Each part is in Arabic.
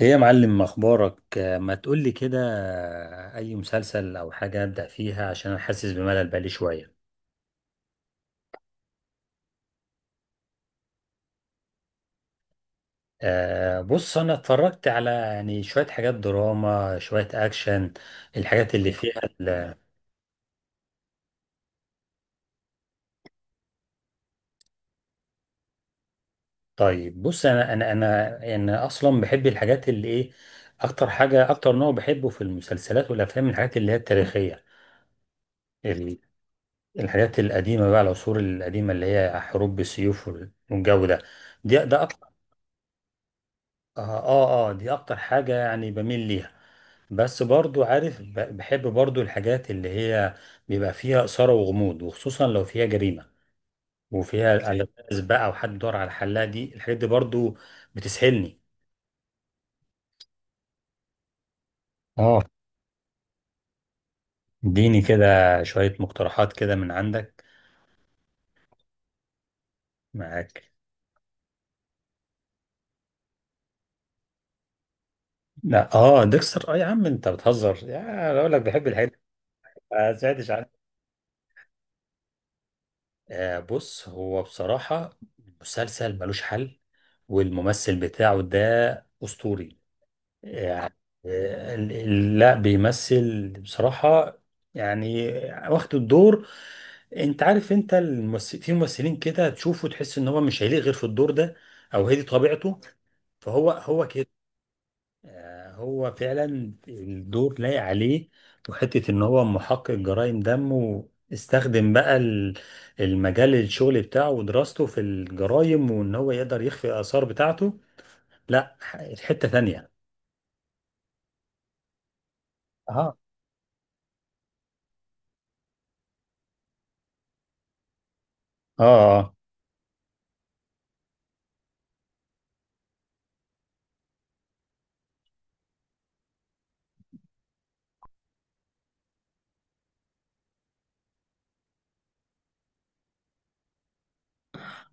ايه يا معلم اخبارك، ما تقولي كده، اي مسلسل او حاجه ابدا فيها عشان انا حاسس بملل بقالي شويه. بص انا اتفرجت على يعني شويه حاجات دراما شويه اكشن. الحاجات اللي فيها طيب بص انا يعني اصلا بحب الحاجات اللي ايه. اكتر حاجه اكتر نوع بحبه في المسلسلات والافلام الحاجات اللي هي التاريخيه. ال- الحاجات القديمه بقى العصور القديمه اللي هي حروب بالسيوف والجو ده. ده. اه، اه، اه، دي اكتر حاجة يعني بميل ليها. بس برضو عارف، بحب برضو الحاجات اللي هي بيبقى فيها إثارة وغموض، وخصوصا لو فيها جريمة وفيها ألغاز بقى وحد دور على الحلاقة، دي الحاجات دي برضو بتسحلني. اه، اديني كده شوية مقترحات كده من عندك، معاك. لا اه، ديكستر، اه يا عم انت بتهزر، يا اقول لك بحب الحاجات دي. ما سمعتش عنها. بص هو بصراحة مسلسل ملوش حل، والممثل بتاعه ده أسطوري يعني. لا بيمثل بصراحة يعني، واخد الدور. انت عارف، انت الممثل في ممثلين كده تشوفه تحس ان هو مش هيليق غير في الدور ده، او هي دي طبيعته فهو هو كده. هو فعلا الدور لايق عليه، وحتة ان هو محقق جرائم دم، واستخدم بقى المجال الشغل بتاعه ودراسته في الجرائم، وان هو يقدر يخفي الاثار بتاعته. لا حتة ثانية. اه، اه،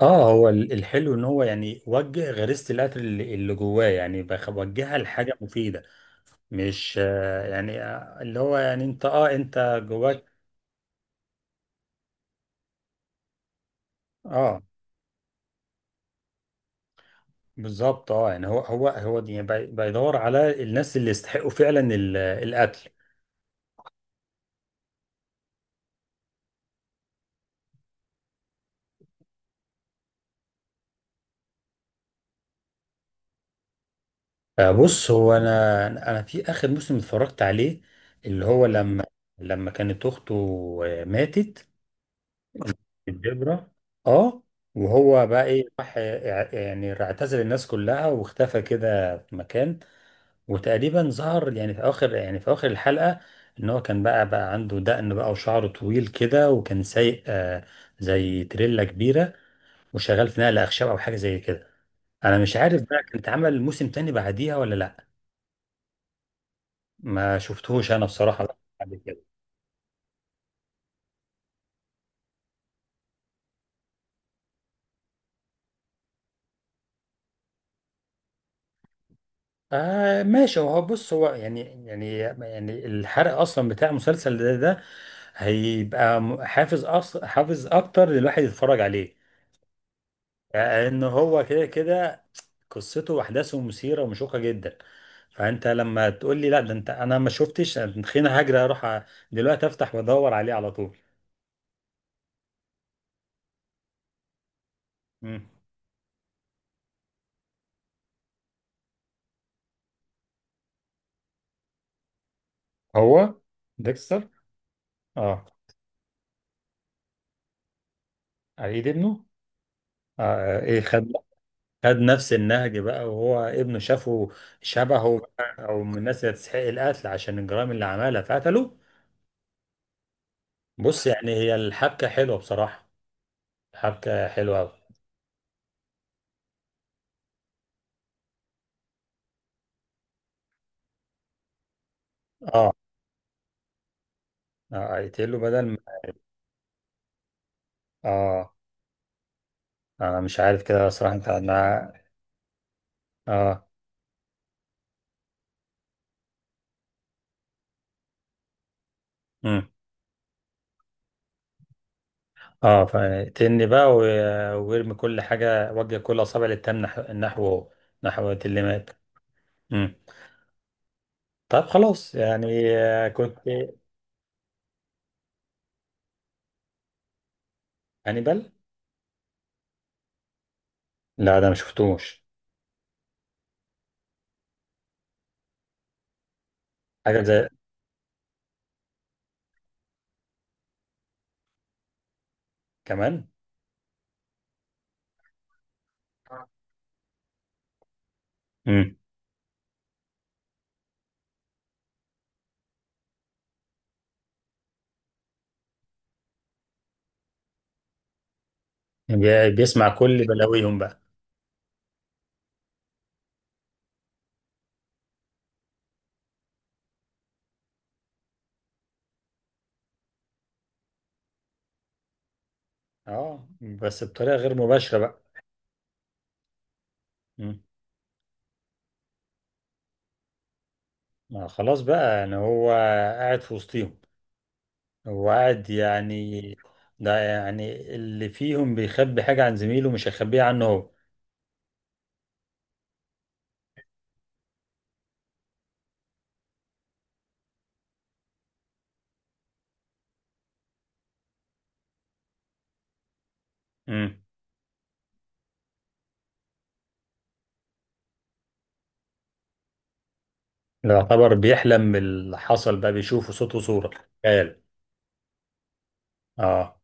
اه، هو الحلو ان هو يعني وجه غريزة القتل اللي جواه، يعني وجهها لحاجة مفيدة. مش، يعني، اللي هو يعني انت، انت جواك. اه بالظبط، اه يعني هو يعني بيدور على الناس اللي يستحقوا فعلا القتل. بص هو انا في اخر موسم اتفرجت عليه، اللي هو لما، لما كانت اخته ماتت، الجبرة. اه، وهو بقى ايه، راح يعني اعتزل الناس كلها واختفى كده في مكان. وتقريبا ظهر يعني في اخر، يعني في اخر الحلقة، ان هو كان بقى عنده دقن بقى وشعره طويل كده، وكان سايق زي تريلا كبيرة، وشغال في نقل اخشاب او حاجة زي كده. انا مش عارف بقى، كان اتعمل موسم تاني بعديها ولا لا، ما شفتهوش انا بصراحة بعد كده. ماشي، هو بص هو يعني، يعني الحرق اصلا بتاع مسلسل ده, ده هيبقى حافز حافز اكتر للواحد يتفرج عليه. لان هو كده كده قصته واحداثه مثيره ومشوقه جدا. فانت لما تقول لي لا ده انت انا ما شفتش، خليني هجري اروح دلوقتي افتح وادور عليه على طول. مم. هو ديكستر. اه. عيد ابنه. آه، ايه، خد نفس النهج بقى، وهو ابنه شافه شبهه ايوه بقى، او من الناس اللي تستحق القتل عشان الجرائم اللي عملها فقتلوه. بص يعني هي الحبكه حلوه بصراحه، الحبكه حلوه قوي. اه، يقتله بدل ما، اه انا مش عارف كده صراحه انت انا، اه امم اه فيقتلني بقى ويرمي كل حاجه، وجه كل اصابع للتام، نحوه هو، نحو اللي مات. امم، طب خلاص يعني، كنت. هانيبال؟ لا ده ما شفتوش. حاجه زي. كمان. مم. بيسمع كل بلاويهم بقى. اه بس بطريقه غير مباشره بقى. مم. ما خلاص بقى يعني هو قاعد في وسطهم، هو قاعد يعني. ده يعني اللي فيهم بيخبي حاجه عن زميله مش هيخبيها عنه هو. مم. ده يعتبر بيحلم باللي حصل بقى، بيشوفه صوت وصوره خيال. اه.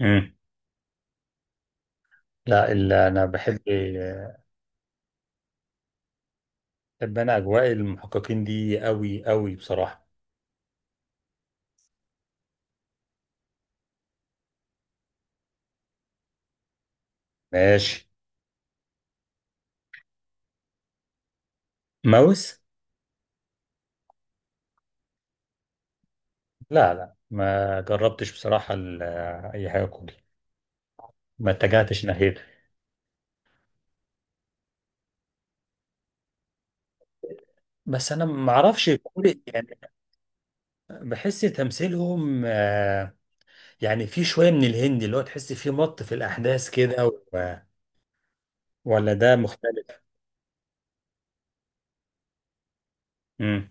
مم. لا اللي انا بحب، بحب انا اجواء المحققين دي قوي قوي بصراحه. ماشي. ماوس؟ لا لا، ما جربتش بصراحة أي حاجة كوري، ما اتجهتش ناحيته. بس أنا ما أعرفش كوري يعني، بحس تمثيلهم يعني في شوية من الهندي اللي هو تحس فيه مط في الأحداث كده، ولا ده مختلف؟ امم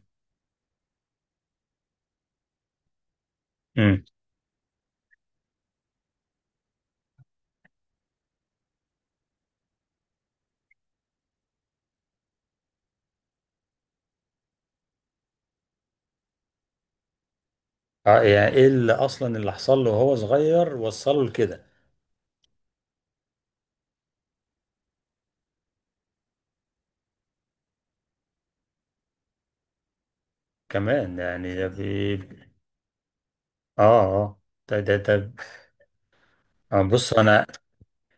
امم اه يعني إيه اللي أصلا، اللي حصل له وهو صغير وصله لكده، كمان يعني ده بي... آه، آه، ده، بص أنا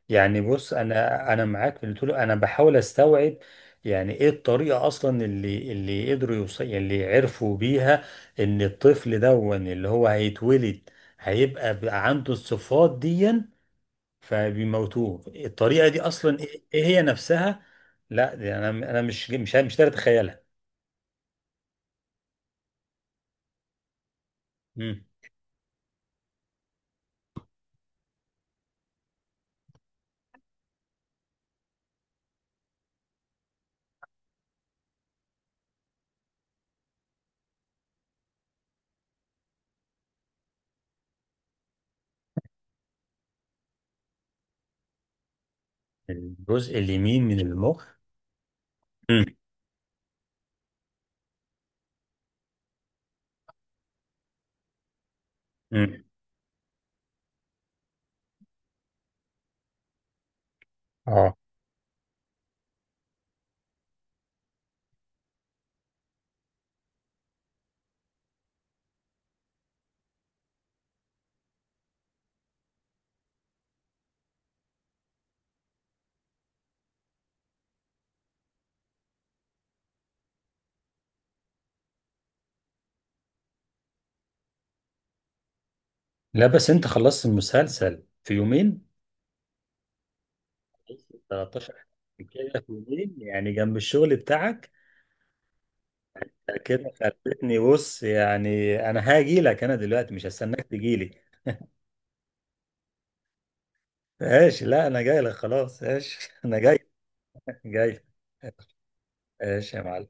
يعني، بص انا معاك في اللي تقوله، انا بحاول استوعب. يعني ايه الطريقه اصلا اللي قدروا يوصل اللي عرفوا بيها، ان الطفل دون اللي هو هيتولد هيبقى بقى عنده الصفات دي، فبيموتوه، الطريقه دي اصلا ايه، إيه هي نفسها. لا دي انا، مش قادر اتخيلها. مم. الجزء اليمين من المخ. مم. مم. اه. لا بس انت خلصت المسلسل في يومين؟ 13 كده في يومين يعني جنب الشغل بتاعك؟ كده خلتني، بص يعني انا هاجي لك انا دلوقتي، مش هستناك تجي لي. ماشي، لا انا جاي لك، خلاص ماشي انا جاي، جاي، ماشي يا معلم.